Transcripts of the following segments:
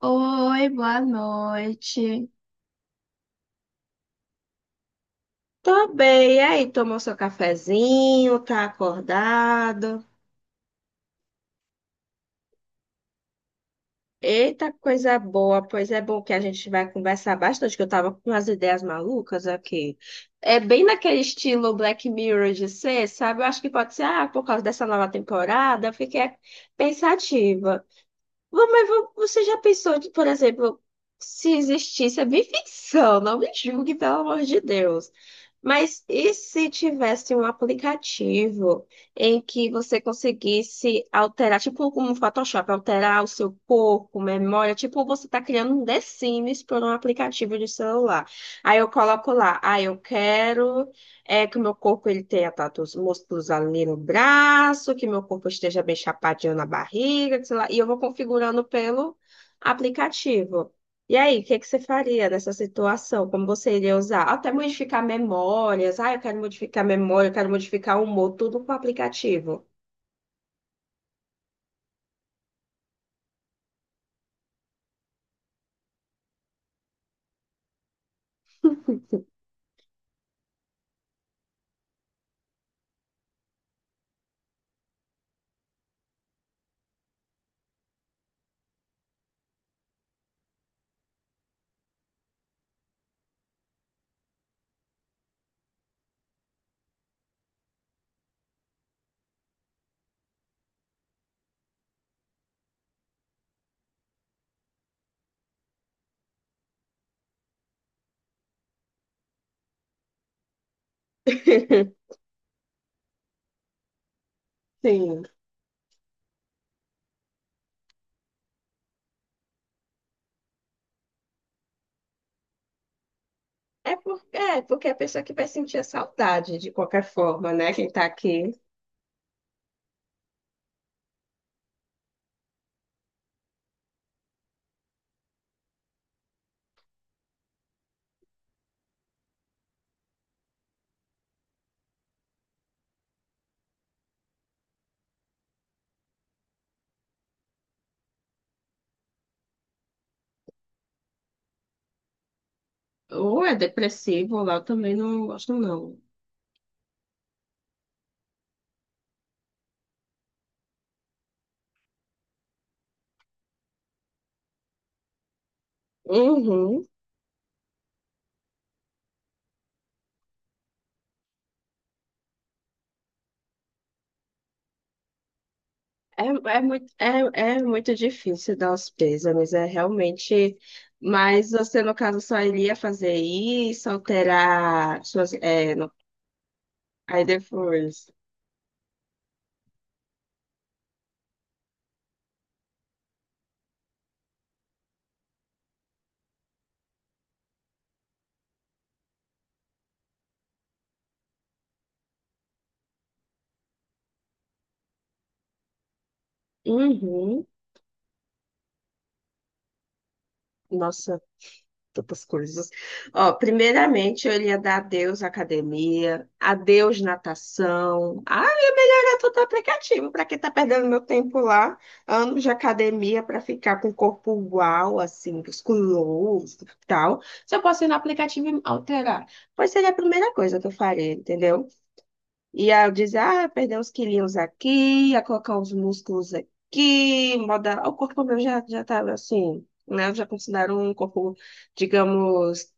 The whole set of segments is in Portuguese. Oi, boa noite. Tô bem, e aí? Tomou seu cafezinho? Tá acordado? Eita, coisa boa! Pois é bom que a gente vai conversar bastante, que eu tava com umas ideias malucas aqui. É bem naquele estilo Black Mirror de ser, sabe? Eu acho que pode ser, por causa dessa nova temporada, eu fiquei pensativa. Vô, mas você já pensou, de, por exemplo, se existisse, é bem ficção, não me julgue, pelo amor de Deus. Mas e se tivesse um aplicativo em que você conseguisse alterar, tipo como o Photoshop, alterar o seu corpo, memória, tipo você está criando um The Sims por um aplicativo de celular. Aí eu coloco lá, ah, eu quero é que o meu corpo ele tenha tantos músculos ali no braço, que meu corpo esteja bem chapadinho na barriga, que sei lá, e eu vou configurando pelo aplicativo. E aí, o que que você faria nessa situação? Como você iria usar? Até modificar memórias. Ah, eu quero modificar memória, eu quero modificar o humor, tudo com o aplicativo. Sim. É porque a pessoa que vai sentir a saudade de qualquer forma, né? Quem tá aqui. Ou é depressivo, ou lá eu também não gosto, não. Uhum. É, é, é muito difícil dar os pêsames, é realmente. Mas você, no caso, só iria fazer isso, alterar suas. É, no... Aí depois. Uhum. Nossa, tantas coisas. Ó, primeiramente, eu iria dar adeus à academia, adeus natação, direto do aplicativo, para quem tá perdendo meu tempo lá, anos de academia para ficar com o corpo uau, assim, musculoso e tal. Se eu posso ir no aplicativo e me alterar, pois seria a primeira coisa que eu faria, entendeu? Ia dizer, ah, perder uns quilinhos aqui, ia colocar uns músculos aqui, moda... o corpo meu já tava assim, né? Eu já considero um corpo, digamos,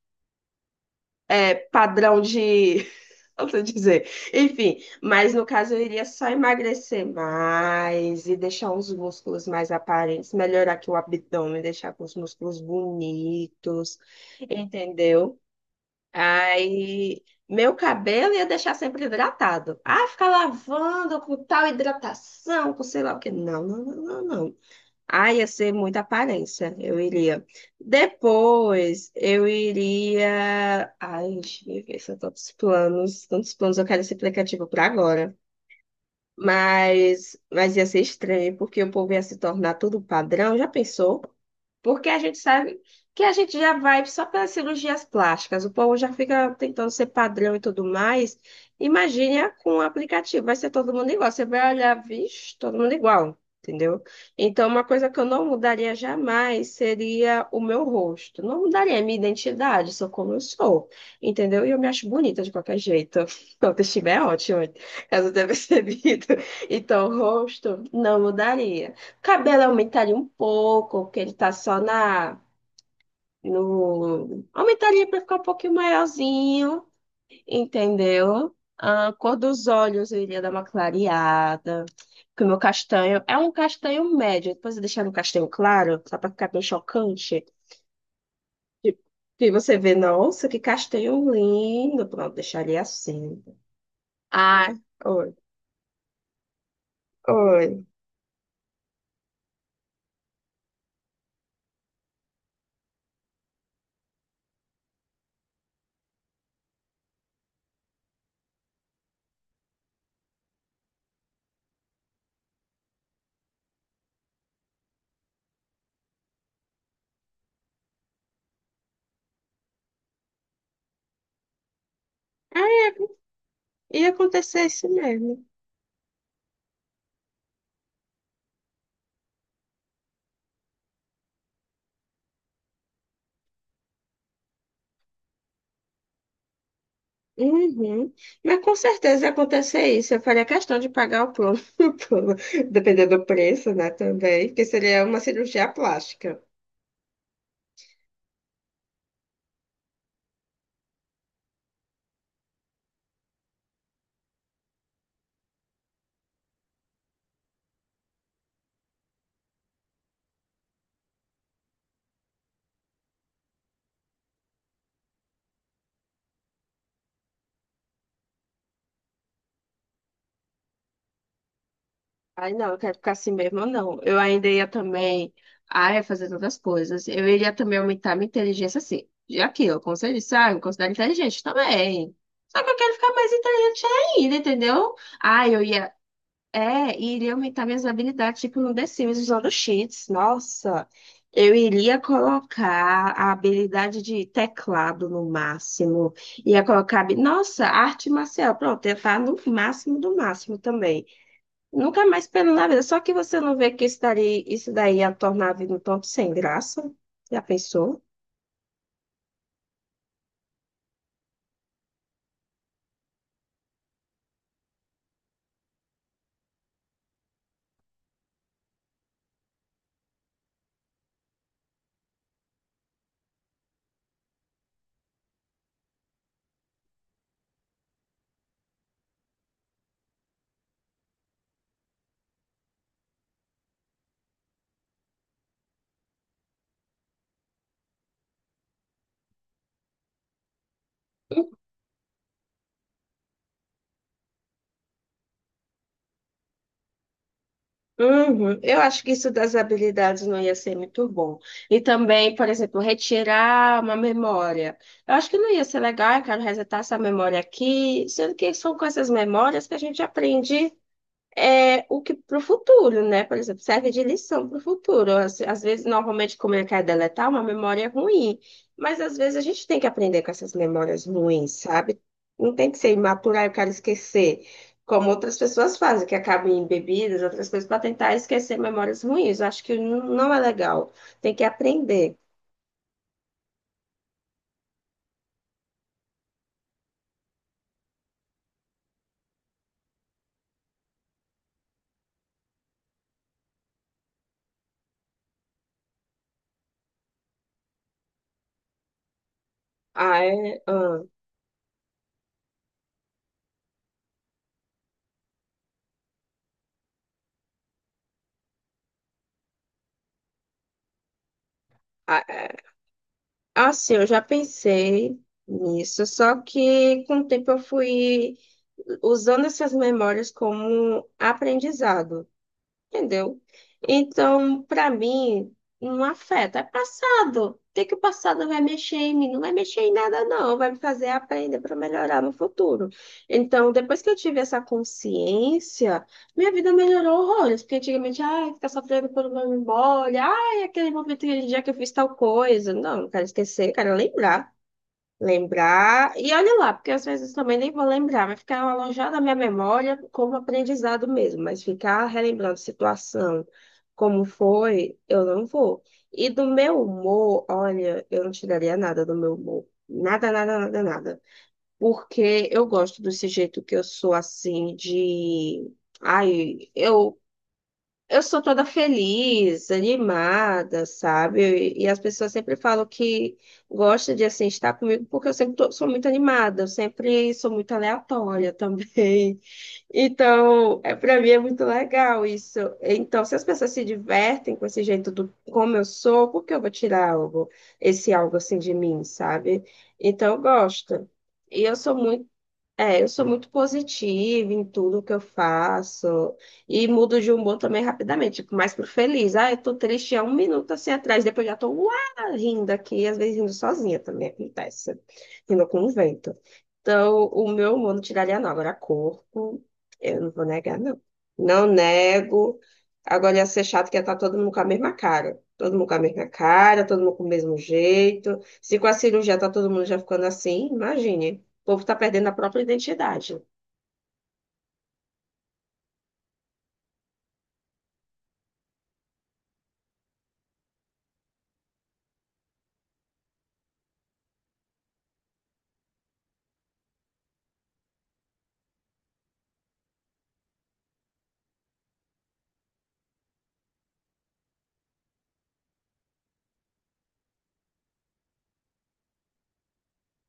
é, padrão de posso dizer. Enfim, mas no caso eu iria só emagrecer mais e deixar uns músculos mais aparentes, melhorar aqui o abdômen, deixar com os músculos bonitos, entendeu? Aí, meu cabelo ia deixar sempre hidratado. Ah, ficar lavando com tal hidratação, com sei lá o quê. Não, não, não, não, não. Ah, ia ser muita aparência, eu iria. Depois, eu iria. Ai, deixa eu ver se eu tô com os planos. Tantos planos, eu quero esse aplicativo para agora. Mas ia ser estranho, porque o povo ia se tornar tudo padrão, já pensou? Porque a gente sabe que a gente já vai só pelas cirurgias plásticas, o povo já fica tentando ser padrão e tudo mais. Imagine com o aplicativo, vai ser todo mundo igual. Você vai olhar, vixe, todo mundo igual, entendeu? Então, uma coisa que eu não mudaria jamais seria o meu rosto. Não mudaria a minha identidade, sou como eu sou, entendeu? E eu me acho bonita de qualquer jeito. Então, o autoestima é ótimo. Caso tenha percebido. Então, o rosto não mudaria. O cabelo aumentaria um pouco, porque ele tá só na. No... Aumentaria para ficar um pouquinho maiorzinho, entendeu? A cor dos olhos eu iria dar uma clareada. Porque o meu castanho é um castanho médio. Depois eu deixar no castanho claro, só para ficar bem chocante. E e você vê, nossa, que castanho lindo. Pronto, deixaria assim. Ai, oi, oi. É, ia acontecer isso mesmo. Uhum. Mas com certeza ia acontecer isso. Eu faria questão de pagar o plano, o plano, dependendo do preço, né? Também, porque seria uma cirurgia plástica. Ai, não, eu quero ficar assim mesmo, não. Eu ainda ia também. Ah, ia fazer tantas coisas. Eu iria também aumentar minha inteligência, assim. E aquilo, como você disse, ah, eu me considero inteligente também. Só que eu quero ficar mais inteligente ainda, entendeu? Ah, eu ia. É, e iria aumentar minhas habilidades, tipo no The Sims, usando cheats. Nossa, eu iria colocar a habilidade de teclado no máximo. Ia colocar, nossa, arte marcial. Pronto, ia estar no máximo do máximo também. Nunca mais pelo na vida. Só que você não vê que isso daí ia tornar a vida um tanto sem graça. Já pensou? Uhum. Eu acho que isso das habilidades não ia ser muito bom. E também, por exemplo, retirar uma memória. Eu acho que não ia ser legal, eu quero resetar essa memória aqui, sendo que são com essas memórias que a gente aprende é o que para o futuro, né? Por exemplo, serve de lição para o futuro. Às vezes, normalmente, como ele quer deletar, uma memória ruim, mas às vezes a gente tem que aprender com essas memórias ruins, sabe? Não tem que ser imatura, "Ah, eu quero esquecer, como outras pessoas fazem, que acabam em bebidas, outras coisas, para tentar esquecer memórias ruins. Eu acho que não é legal. Tem que aprender. Ah, é, ah, é, assim, eu já pensei nisso, só que com o tempo eu fui usando essas memórias como aprendizado, entendeu? Então, para mim, não afeta. É passado. O que que o passado vai mexer em mim? Não vai mexer em nada, não. Vai me fazer aprender para melhorar no futuro. Então, depois que eu tive essa consciência, minha vida melhorou horrores. Porque antigamente, ai, ficar sofrendo por uma memória, ai, aquele momento, aquele dia que eu fiz tal coisa. Não, não quero esquecer, quero lembrar. Lembrar, e olha lá, porque às vezes também nem vou lembrar, vai ficar alojado na minha memória como aprendizado mesmo, mas ficar relembrando situação, como foi, eu não vou. E do meu humor, olha, eu não tiraria nada do meu humor. Nada, nada, nada, nada. Porque eu gosto desse jeito que eu sou assim, de. Ai, eu sou toda feliz, animada, sabe? E as pessoas sempre falam que gostam de assim estar comigo porque eu sempre sou muito animada, eu sempre sou muito aleatória também. Então, é para mim é muito legal isso. Então, se as pessoas se divertem com esse jeito do como eu sou, por que eu vou tirar algo, esse algo assim de mim, sabe? Então, eu gosto. E eu sou muito é, eu sou muito positiva em tudo que eu faço e mudo de humor também rapidamente, tipo, mais pro feliz. Ah, eu tô triste há um minuto assim atrás, depois já tô uá, rindo aqui, às vezes rindo sozinha também acontece, rindo com o vento. Então, o meu humor não tiraria não. Agora, corpo, eu não vou negar, não. Não nego. Agora ia ser chato que ia estar todo mundo com a mesma cara. Todo mundo com a mesma cara, todo mundo com o mesmo jeito. Se com a cirurgia tá todo mundo já ficando assim, imagine. O povo está perdendo a própria identidade.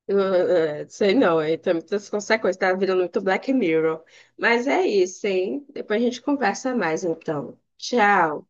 Eu, sei não, aí tem muitas consequências, tá virando muito Black Mirror. Mas é isso, hein? Depois a gente conversa mais, então. Tchau.